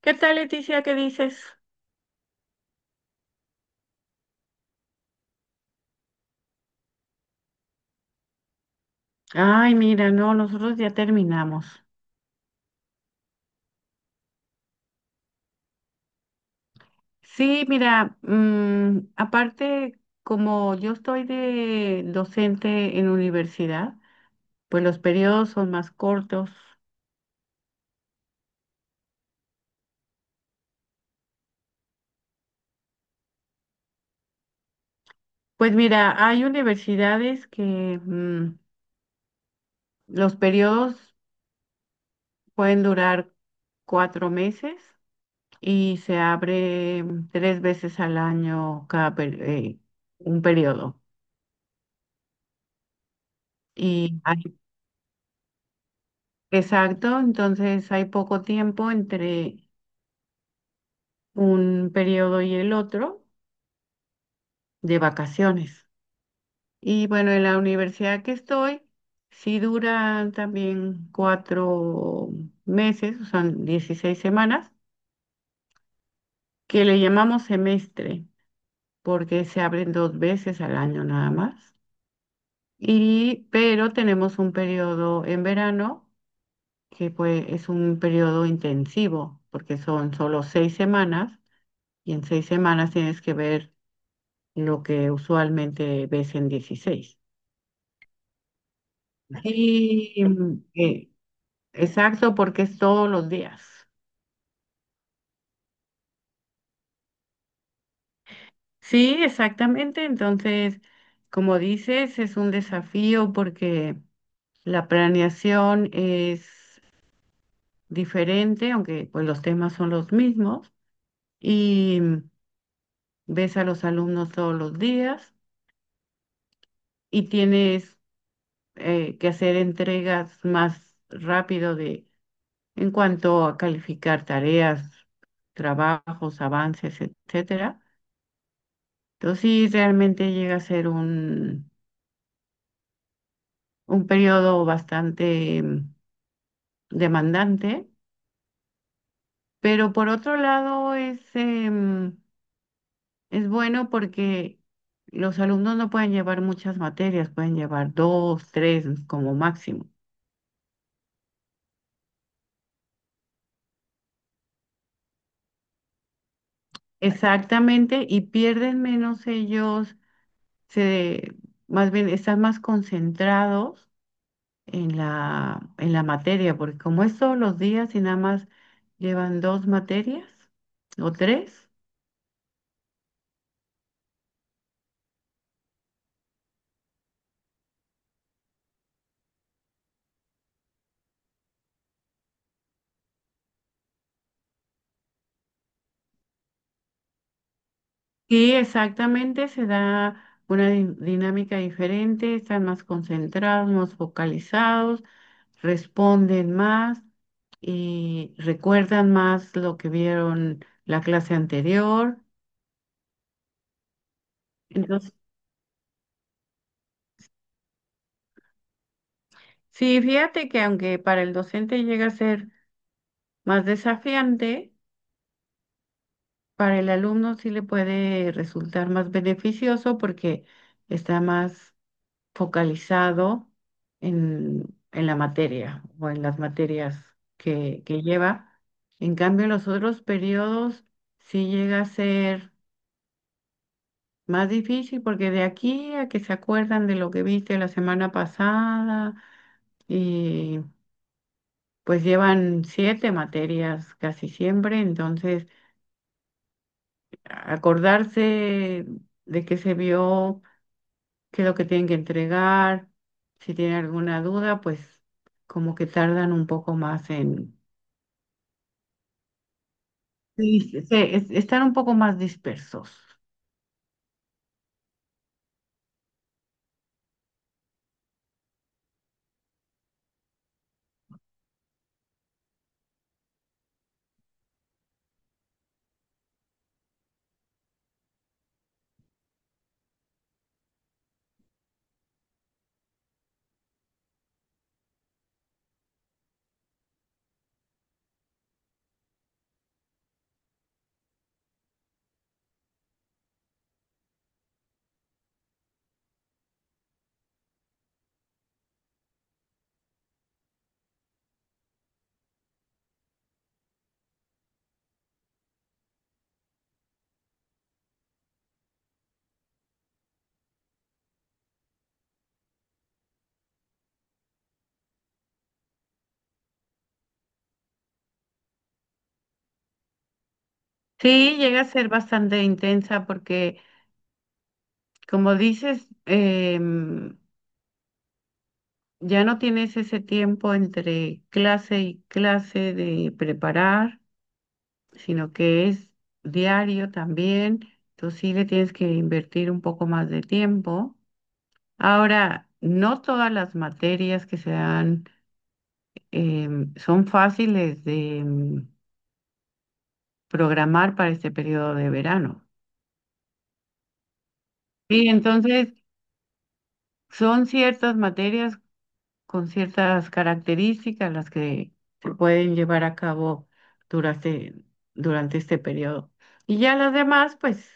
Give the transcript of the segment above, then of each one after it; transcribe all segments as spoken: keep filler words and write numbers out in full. ¿Qué tal, Leticia? ¿Qué dices? Ay, mira, no, nosotros ya terminamos. Sí, mira, mm, aparte, como yo estoy de docente en universidad, pues los periodos son más cortos. Pues mira, hay universidades que mm, los periodos pueden durar cuatro meses y se abre mm, tres veces al año cada per- eh, un periodo. Y hay Exacto, entonces hay poco tiempo entre un periodo y el otro de vacaciones. Y bueno, en la universidad que estoy, sí duran también cuatro meses, o sea, dieciséis semanas, que le llamamos semestre, porque se abren dos veces al año nada más. Y, pero tenemos un periodo en verano, que pues es un periodo intensivo, porque son solo seis semanas. Y en seis semanas tienes que ver lo que usualmente ves en dieciséis. Y mm, eh, exacto, porque es todos los días. Sí, exactamente. Entonces, como dices, es un desafío porque la planeación es diferente, aunque pues los temas son los mismos. Y mm, Ves a los alumnos todos los días y tienes eh, que hacer entregas más rápido de en cuanto a calificar tareas, trabajos, avances, etcétera. Entonces sí, realmente llega a ser un, un periodo bastante mm, demandante, pero por otro lado es, em, es bueno porque los alumnos no pueden llevar muchas materias, pueden llevar dos, tres como máximo. Exactamente, y pierden menos ellos, se, más bien están más concentrados en la, en la materia, porque como es todos los días y nada más llevan dos materias o tres, y exactamente se da una di- dinámica diferente, están más concentrados, más focalizados, responden más y recuerdan más lo que vieron la clase anterior. Entonces, sí, fíjate que aunque para el docente llega a ser más desafiante, para el alumno sí le puede resultar más beneficioso porque está más focalizado en, en la materia o en las materias que, que lleva. En cambio, en los otros periodos sí llega a ser más difícil porque de aquí a que se acuerdan de lo que viste la semana pasada y pues llevan siete materias casi siempre, entonces acordarse de que se vio qué es lo que tienen que entregar. Si tienen alguna duda, pues como que tardan un poco más en. Sí, se- es- están un poco más dispersos. Sí, llega a ser bastante intensa porque, como dices, em, ya no tienes ese tiempo entre clase y clase de preparar, sino que es diario también. Entonces sí le tienes que invertir un poco más de tiempo. Ahora, no todas las materias que se dan em, son fáciles de em, programar para este periodo de verano. Y entonces son ciertas materias con ciertas características las que se pueden llevar a cabo durante, durante este periodo. Y ya las demás, pues,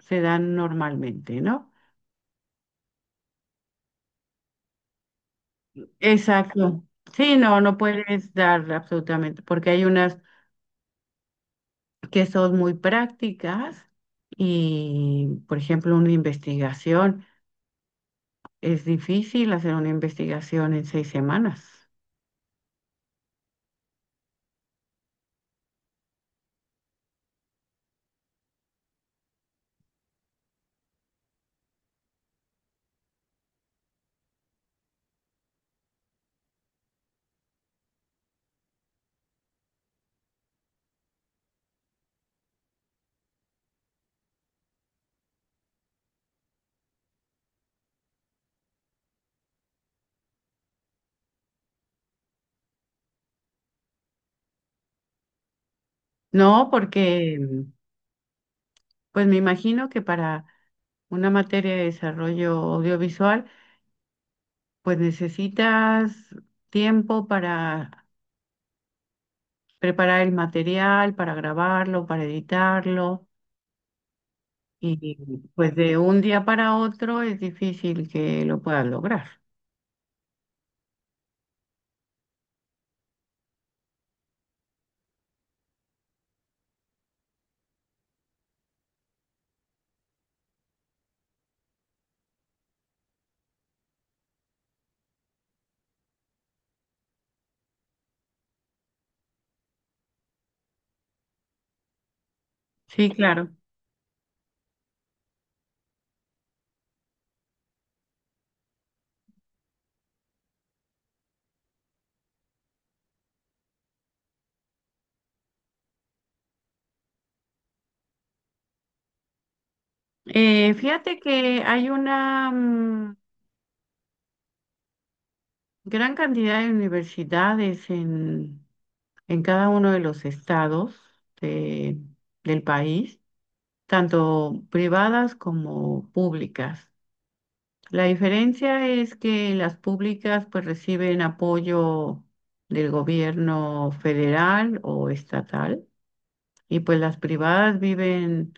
se dan normalmente, ¿no? Exacto. Sí, no, no puedes dar absolutamente, porque hay unas que son muy prácticas y, por ejemplo, una investigación. Es difícil hacer una investigación en seis semanas. No, porque pues me imagino que para una materia de desarrollo audiovisual, pues necesitas tiempo para preparar el material, para grabarlo, para editarlo, y pues de un día para otro es difícil que lo puedas lograr. Sí, claro. Eh, fíjate que hay una mm, gran cantidad de universidades en en cada uno de los estados de- del país, tanto privadas como públicas. La diferencia es que las públicas pues reciben apoyo del gobierno federal o estatal y pues las privadas viven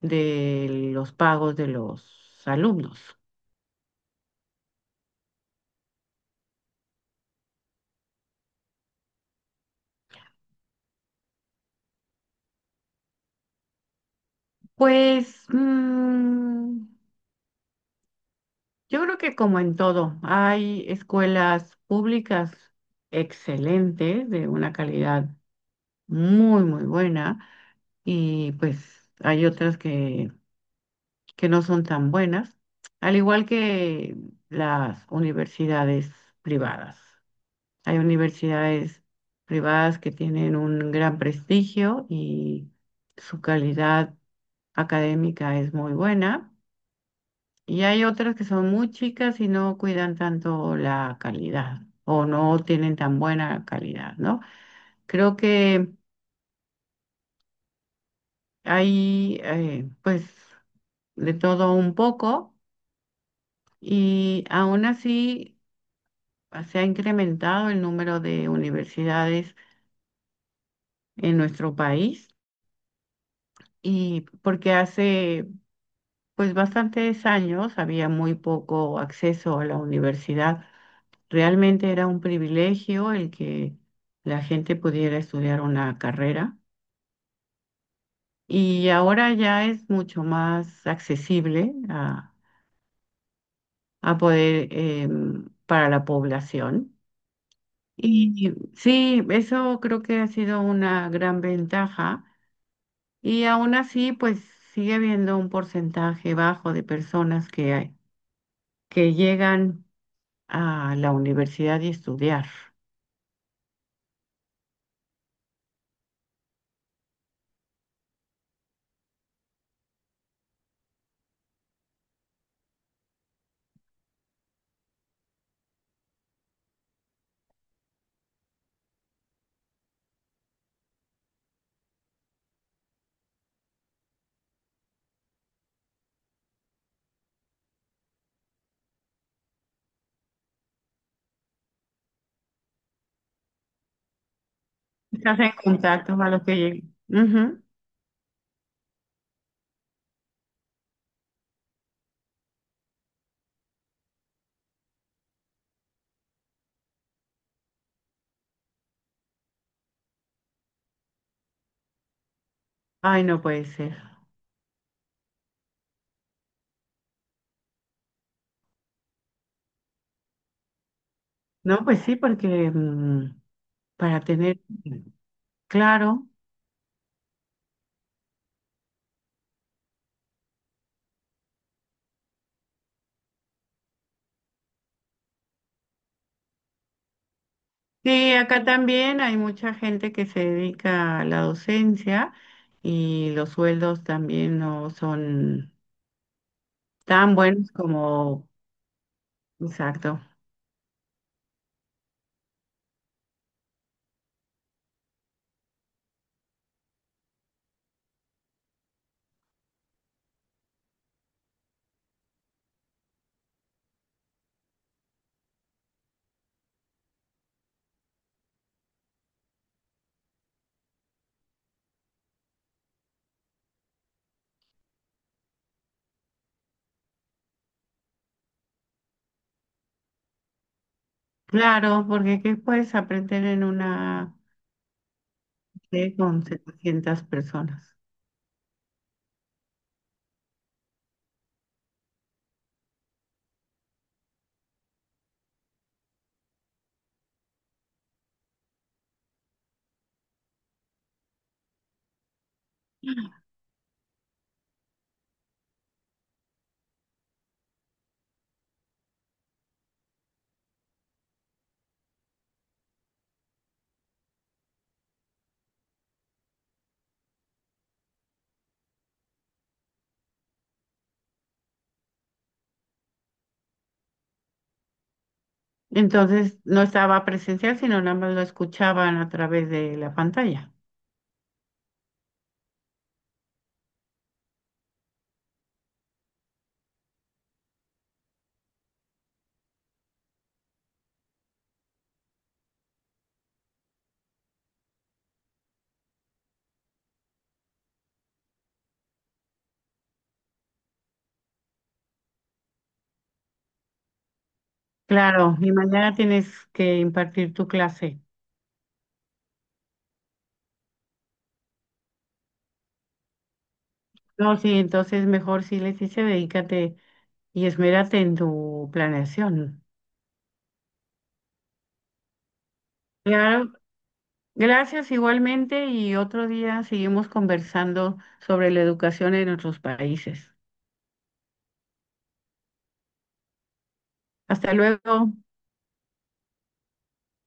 de los pagos de los alumnos. Pues mm, yo creo que como en todo, hay escuelas públicas excelentes, de una calidad muy, muy buena, y pues hay otras que, que no son tan buenas, al igual que las universidades privadas. Hay universidades privadas que tienen un gran prestigio y su calidad académica es muy buena. Y hay otras que son muy chicas y no cuidan tanto la calidad o no tienen tan buena calidad, ¿no? Creo que hay eh, pues de todo un poco y aún así ah, se ha incrementado el número de universidades en nuestro país y porque hace pues bastantes años había muy poco acceso a la universidad. Realmente era un privilegio el que la gente pudiera estudiar una carrera y ahora ya es mucho más accesible a, a poder em, para la población. Y sí, eso creo que ha sido una gran ventaja y aún así pues sigue habiendo un porcentaje bajo de personas que, que llegan a la universidad y estudiar. Estás en contacto a los que lleguen. Ujú. Ay, no puede ser. No, pues sí, porque mm, para tener claro. Sí, acá también hay mucha gente que se dedica a la docencia y los sueldos también no son tan buenos como, exacto. Claro, porque ¿qué puedes aprender en una clase con setecientas personas? Entonces no estaba presencial, sino nada más lo escuchaban a través de la pantalla. Claro, y mañana tienes que impartir tu clase. No, sí, entonces mejor sí les dice, dedícate y esmérate en tu planeación. Claro, gracias igualmente y otro día seguimos conversando sobre la educación en nuestros países. Hasta luego.